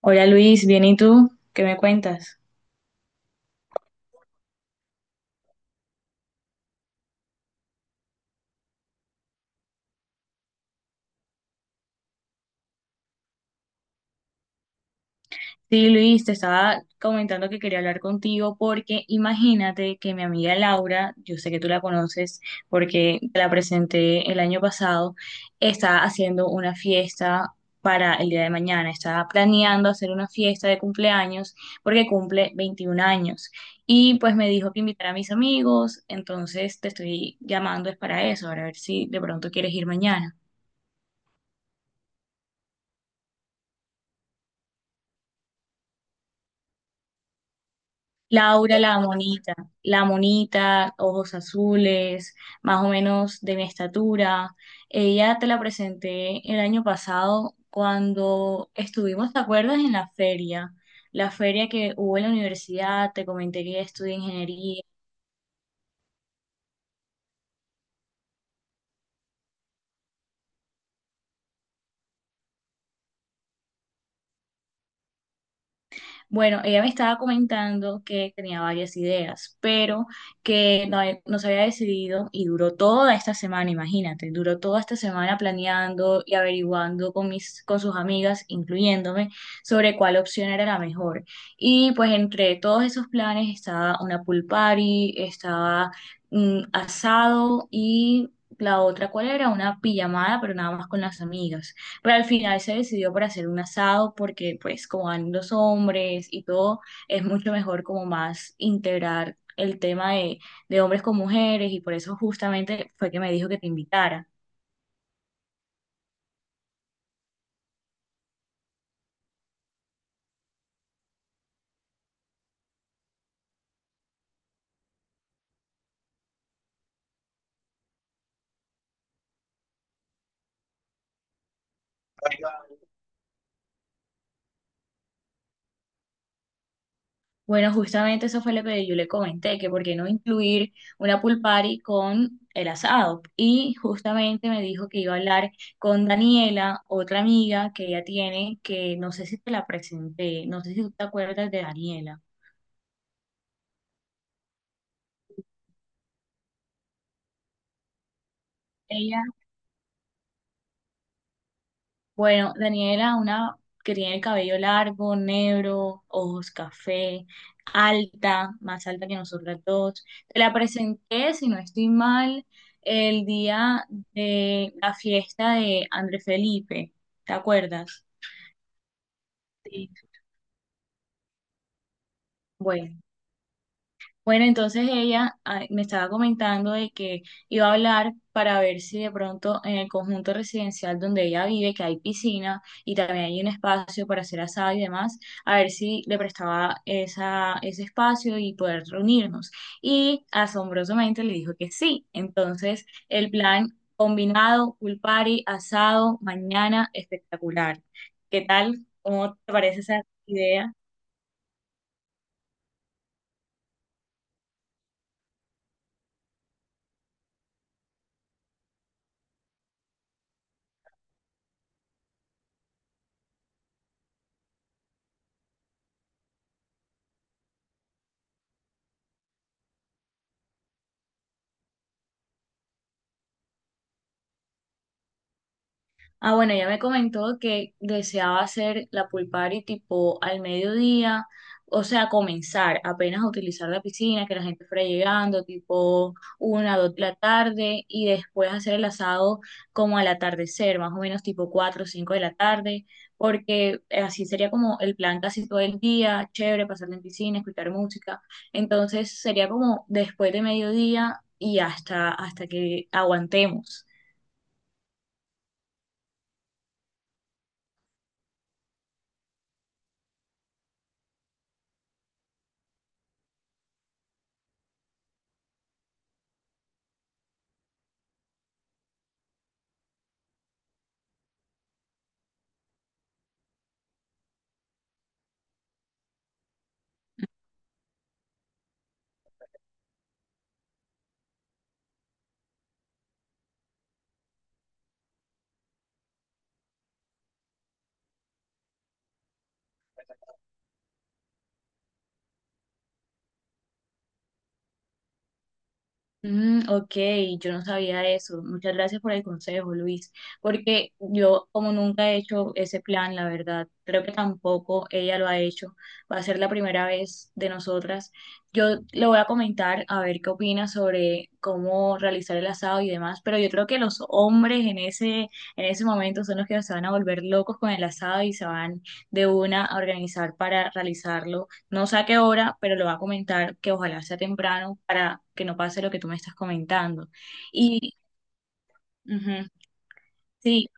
Hola Luis, bien, ¿y tú? ¿Qué me cuentas? Sí, Luis, te estaba comentando que quería hablar contigo porque imagínate que mi amiga Laura, yo sé que tú la conoces porque te la presenté el año pasado, está haciendo una fiesta para el día de mañana, está planeando hacer una fiesta de cumpleaños porque cumple 21 años y pues me dijo que invitara a mis amigos, entonces te estoy llamando es para eso, para ver si de pronto quieres ir mañana. Laura la monita, ojos azules, más o menos de mi estatura. Ella te la presenté el año pasado cuando estuvimos, ¿te acuerdas? En la feria que hubo en la universidad, te comenté que ella estudia ingeniería. Bueno, ella me estaba comentando que tenía varias ideas, pero que no, no se había decidido y duró toda esta semana, imagínate, duró toda esta semana planeando y averiguando con mis, con sus amigas, incluyéndome, sobre cuál opción era la mejor. Y pues entre todos esos planes estaba una pool party, estaba asado y la otra, ¿cuál era? Una pijamada, pero nada más con las amigas. Pero al final se decidió por hacer un asado porque pues como van los hombres y todo, es mucho mejor como más integrar el tema de hombres con mujeres y por eso justamente fue que me dijo que te invitara. Bueno, justamente eso fue lo que yo le comenté, que por qué no incluir una pool party con el asado. Y justamente me dijo que iba a hablar con Daniela, otra amiga que ella tiene, que no sé si te la presenté, no sé si tú te acuerdas de Daniela. Ella Bueno, Daniela, una que tiene el cabello largo, negro, ojos café, alta, más alta que nosotras dos. Te la presenté, si no estoy mal, el día de la fiesta de André Felipe. ¿Te acuerdas? Sí. Bueno. Bueno, entonces ella me estaba comentando de que iba a hablar para ver si de pronto en el conjunto residencial donde ella vive, que hay piscina y también hay un espacio para hacer asado y demás, a ver si le prestaba esa, ese espacio y poder reunirnos. Y asombrosamente le dijo que sí. Entonces, el plan combinado, pool party, asado, mañana, espectacular. ¿Qué tal? ¿Cómo te parece esa idea? Ah, bueno, ya me comentó que deseaba hacer la pool party tipo al mediodía, o sea, comenzar apenas a utilizar la piscina, que la gente fuera llegando, tipo una, dos de la tarde, y después hacer el asado como al atardecer, más o menos tipo cuatro o cinco de la tarde, porque así sería como el plan casi todo el día, chévere, pasar en piscina, escuchar música. Entonces sería como después de mediodía y hasta, hasta que aguantemos. Mm, ok, yo no sabía eso. Muchas gracias por el consejo, Luis, porque yo como nunca he hecho ese plan, la verdad, creo que tampoco ella lo ha hecho. Va a ser la primera vez de nosotras. Yo le voy a comentar a ver qué opina sobre cómo realizar el asado y demás, pero yo creo que los hombres en ese momento son los que se van a volver locos con el asado y se van de una a organizar para realizarlo no sé a qué hora, pero le voy a comentar que ojalá sea temprano para que no pase lo que tú me estás comentando. Y ujú, sí,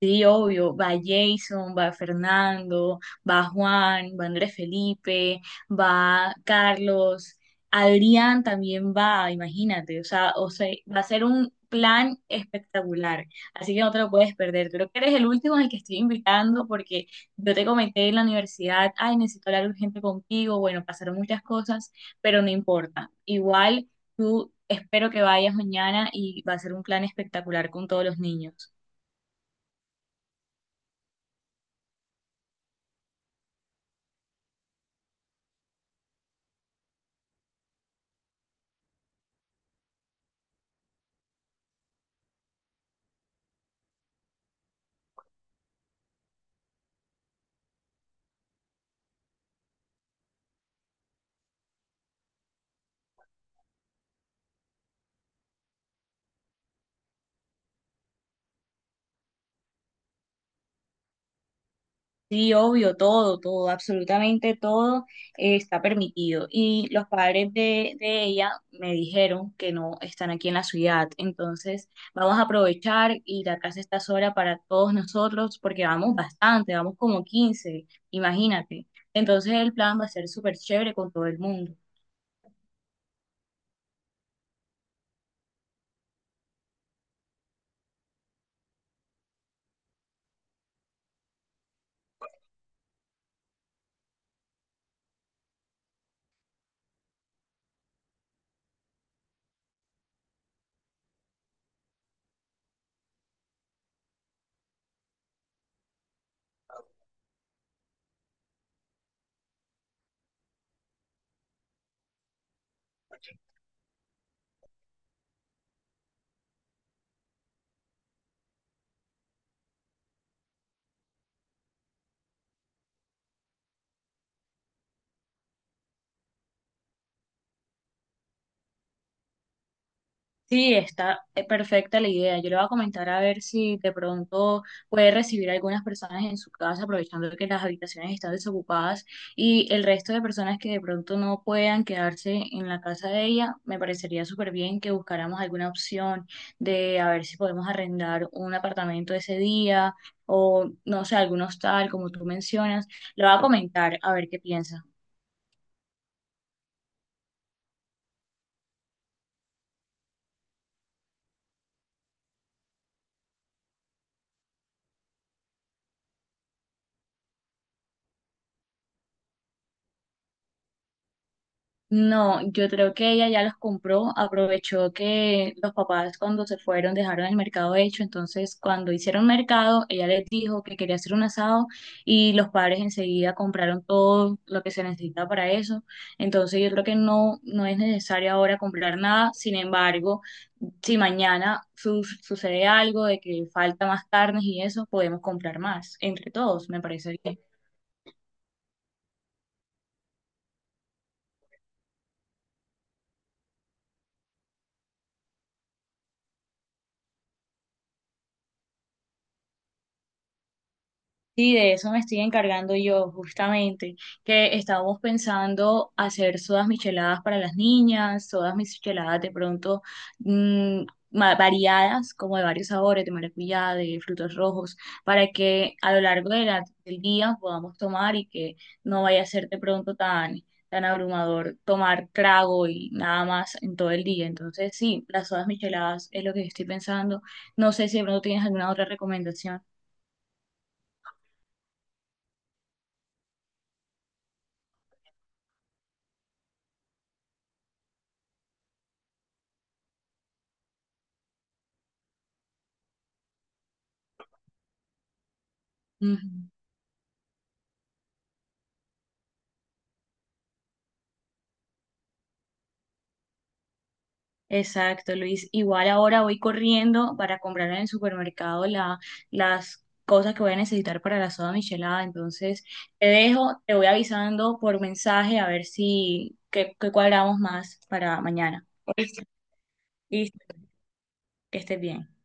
sí, obvio, va Jason, va Fernando, va Juan, va Andrés Felipe, va Carlos, Adrián también va, imagínate, o sea, va a ser un plan espectacular, así que no te lo puedes perder. Creo que eres el último al que estoy invitando porque yo te comenté en la universidad, ay, necesito hablar urgente contigo, bueno, pasaron muchas cosas, pero no importa, igual tú espero que vayas mañana y va a ser un plan espectacular con todos los niños. Sí, obvio, todo, todo, absolutamente todo está permitido. Y los padres de ella me dijeron que no están aquí en la ciudad. Entonces, vamos a aprovechar y la casa está sola para todos nosotros porque vamos bastante, vamos como 15 imagínate. Entonces, el plan va a ser súper chévere con todo el mundo. Sí, está perfecta la idea. Yo le voy a comentar a ver si de pronto puede recibir a algunas personas en su casa, aprovechando que las habitaciones están desocupadas y el resto de personas que de pronto no puedan quedarse en la casa de ella, me parecería súper bien que buscáramos alguna opción de a ver si podemos arrendar un apartamento ese día o no sé, algún hostal, como tú mencionas. Le voy a comentar a ver qué piensa. No, yo creo que ella ya los compró, aprovechó que los papás cuando se fueron dejaron el mercado hecho, entonces cuando hicieron mercado, ella les dijo que quería hacer un asado y los padres enseguida compraron todo lo que se necesita para eso, entonces yo creo que no, no es necesario ahora comprar nada, sin embargo, si mañana sucede algo de que falta más carnes y eso, podemos comprar más, entre todos, me parece bien. Sí, de eso me estoy encargando yo, justamente, que estábamos pensando hacer sodas micheladas para las niñas, sodas micheladas de pronto mm, variadas, como de varios sabores, de maracuyá, de frutos rojos, para que a lo largo de del día podamos tomar y que no vaya a ser de pronto tan, tan abrumador tomar trago y nada más en todo el día. Entonces, sí, las sodas micheladas es lo que estoy pensando. No sé si de pronto tienes alguna otra recomendación. Exacto, Luis. Igual ahora voy corriendo para comprar en el supermercado la, las cosas que voy a necesitar para la soda michelada. Entonces, te dejo, te voy avisando por mensaje a ver si qué, qué cuadramos más para mañana. Listo, que estés bien.